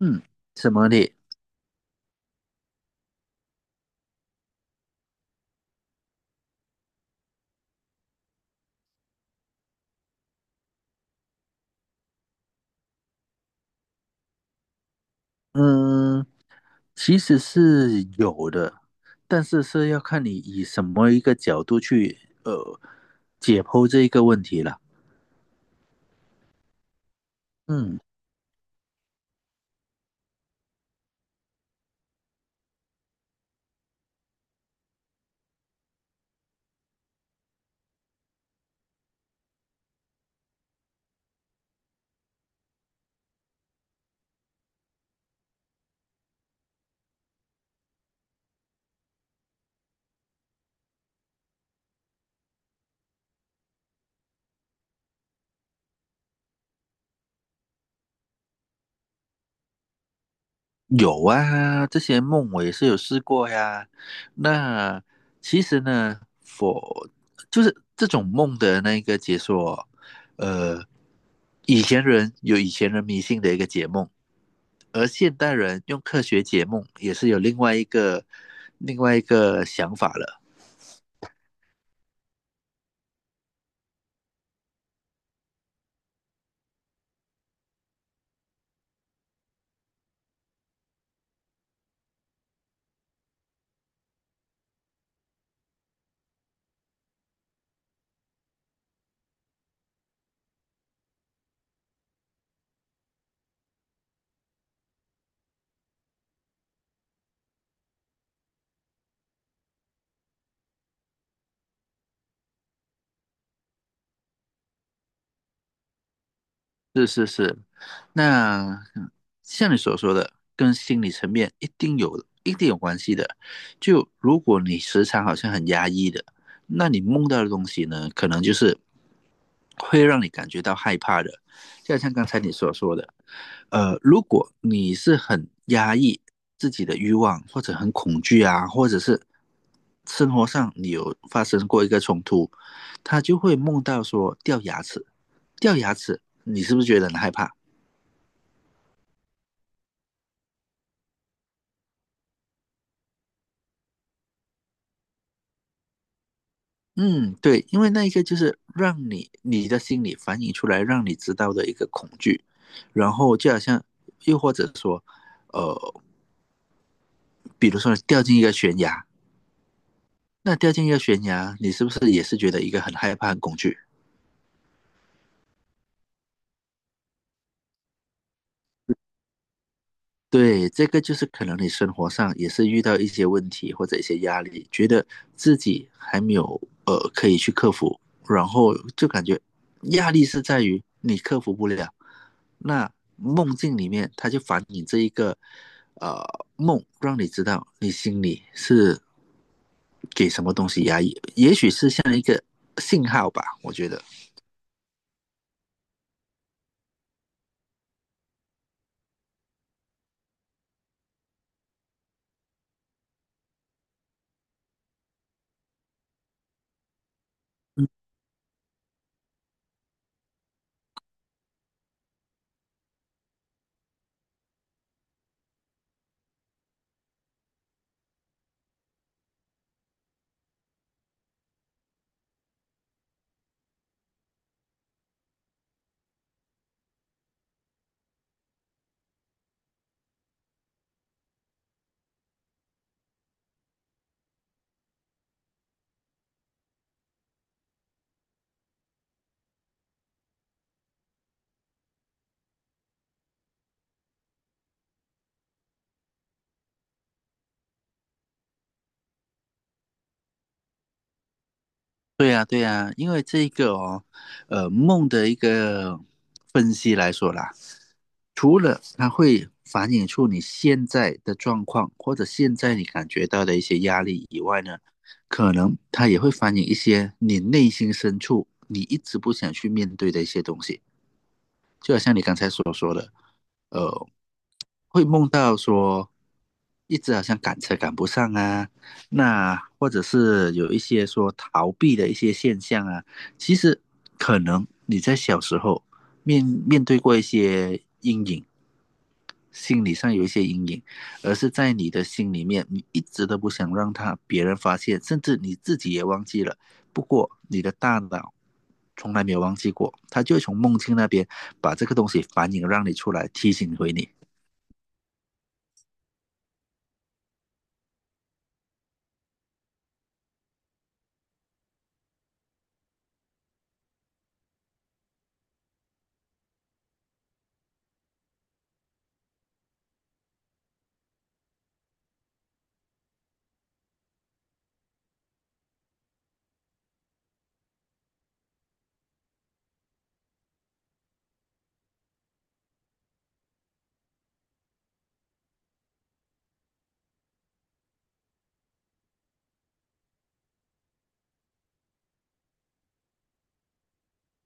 嗯，什么的？嗯，其实是有的，但是是要看你以什么一个角度去呃解剖这一个问题了。嗯，有啊，这些梦我也是有试过呀。那其实呢，我就是这种梦的那个解说，呃，以前人有以前人迷信的一个解梦，而现代人用科学解梦也是有另外一个想法了。是是是，那像你所说的，跟心理层面一定有有关系的。就如果你时常好像很压抑的，那你梦到的东西呢，可能就是会让你感觉到害怕的。就像刚才你所说的，如果你是很压抑自己的欲望，或者很恐惧啊，或者是生活上你有发生过一个冲突，他就会梦到说掉牙齿，掉牙齿，你是不是觉得很害怕？嗯，对，因为那一个就是让你的心理反映出来，让你知道的一个恐惧，然后就好像，又或者说，比如说你掉进一个悬崖，那掉进一个悬崖，你是不是也是觉得一个很害怕、很恐惧？对，这个就是可能你生活上也是遇到一些问题或者一些压力，觉得自己还没有可以去克服，然后就感觉压力是在于你克服不了，那梦境里面，它就反映这一个呃梦，让你知道你心里是给什么东西压抑，也许是像一个信号吧，我觉得。对呀，对呀，因为这一个哦，梦的一个分析来说啦，除了它会反映出你现在的状况，或者现在你感觉到的一些压力以外呢，可能它也会反映一些你内心深处你一直不想去面对的一些东西。就好像你刚才所说的，呃，会梦到说一直好像赶车赶不上啊，那或者是有一些说逃避的一些现象啊，其实可能你在小时候面对过一些阴影，心理上有一些阴影，而是在你的心里面，你一直都不想让他别人发现，甚至你自己也忘记了。不过你的大脑从来没有忘记过，它就会从梦境那边把这个东西反映让你出来，提醒回你。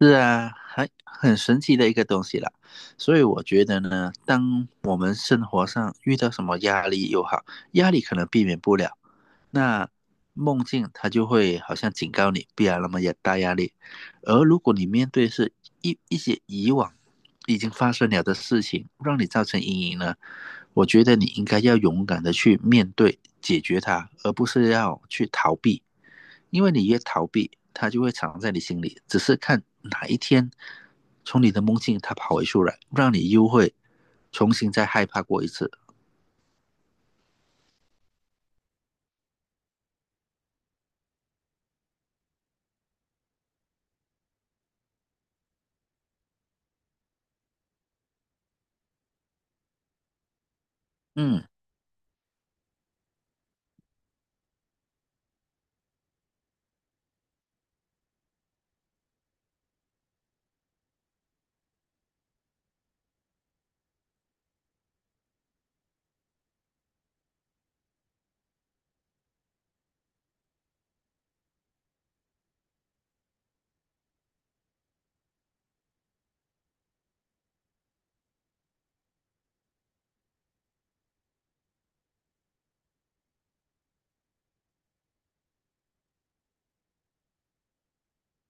是啊，很神奇的一个东西啦。所以我觉得呢，当我们生活上遇到什么压力又好，压力可能避免不了。那梦境它就会好像警告你，不要那么有大压力。而如果你面对是一些以往已经发生了的事情，让你造成阴影呢，我觉得你应该要勇敢的去面对、解决它，而不是要去逃避，因为你越逃避，它就会藏在你心里，只是看哪一天从你的梦境它跑回出来，让你又会重新再害怕过一次。嗯，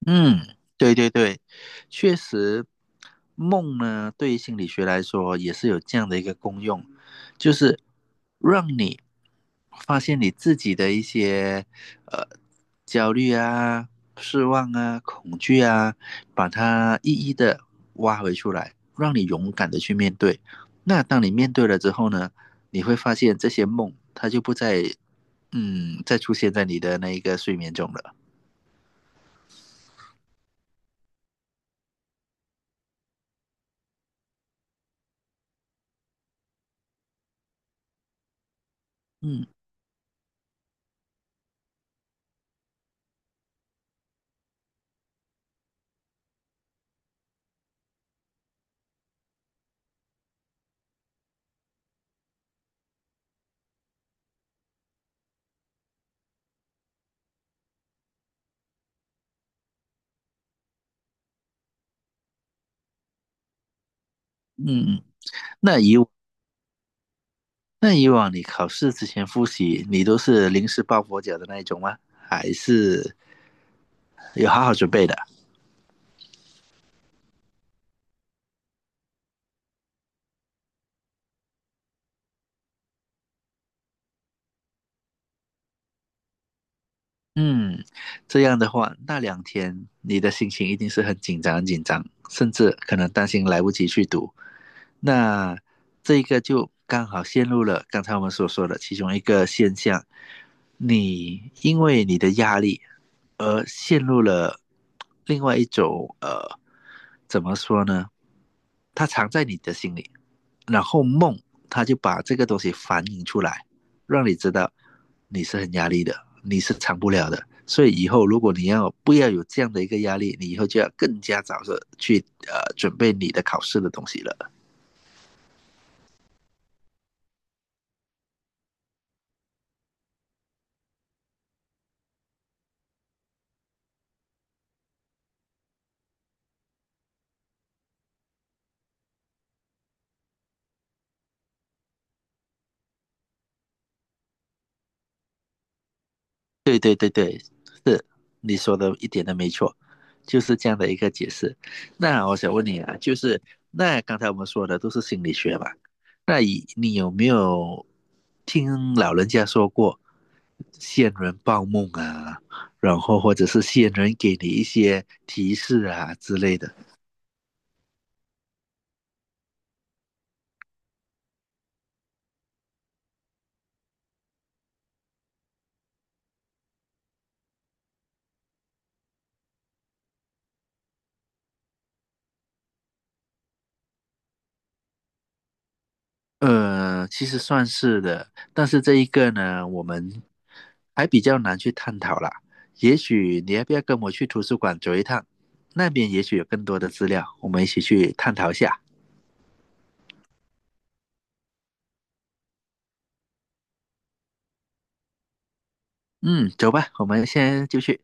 嗯，对对对，确实，梦呢，对于心理学来说也是有这样的一个功用，就是让你发现你自己的一些呃焦虑啊、失望啊、恐惧啊，把它一一的挖回出来，让你勇敢的去面对。那当你面对了之后呢，你会发现这些梦它就不再再出现在你的那一个睡眠中了。嗯嗯。嗯，那以往你考试之前复习，你都是临时抱佛脚的那一种吗？还是有好好准备的？嗯，这样的话，那两天你的心情一定是很紧张、很紧张，甚至可能担心来不及去读。那这个就刚好陷入了刚才我们所说的其中一个现象，你因为你的压力而陷入了另外一种怎么说呢？它藏在你的心里，然后梦他就把这个东西反映出来，让你知道你是很压力的，你是藏不了的。所以以后如果你要不要有这样的一个压力，你以后就要更加早的去准备你的考试的东西了。对对对对，是你说的一点都没错，就是这样的一个解释。那我想问你啊，就是那刚才我们说的都是心理学嘛，那你有没有听老人家说过仙人报梦啊，然后或者是仙人给你一些提示啊之类的？呃，其实算是的，但是这一个呢，我们还比较难去探讨啦。也许你要不要跟我去图书馆走一趟？那边也许有更多的资料，我们一起去探讨一下。嗯，走吧，我们先就去。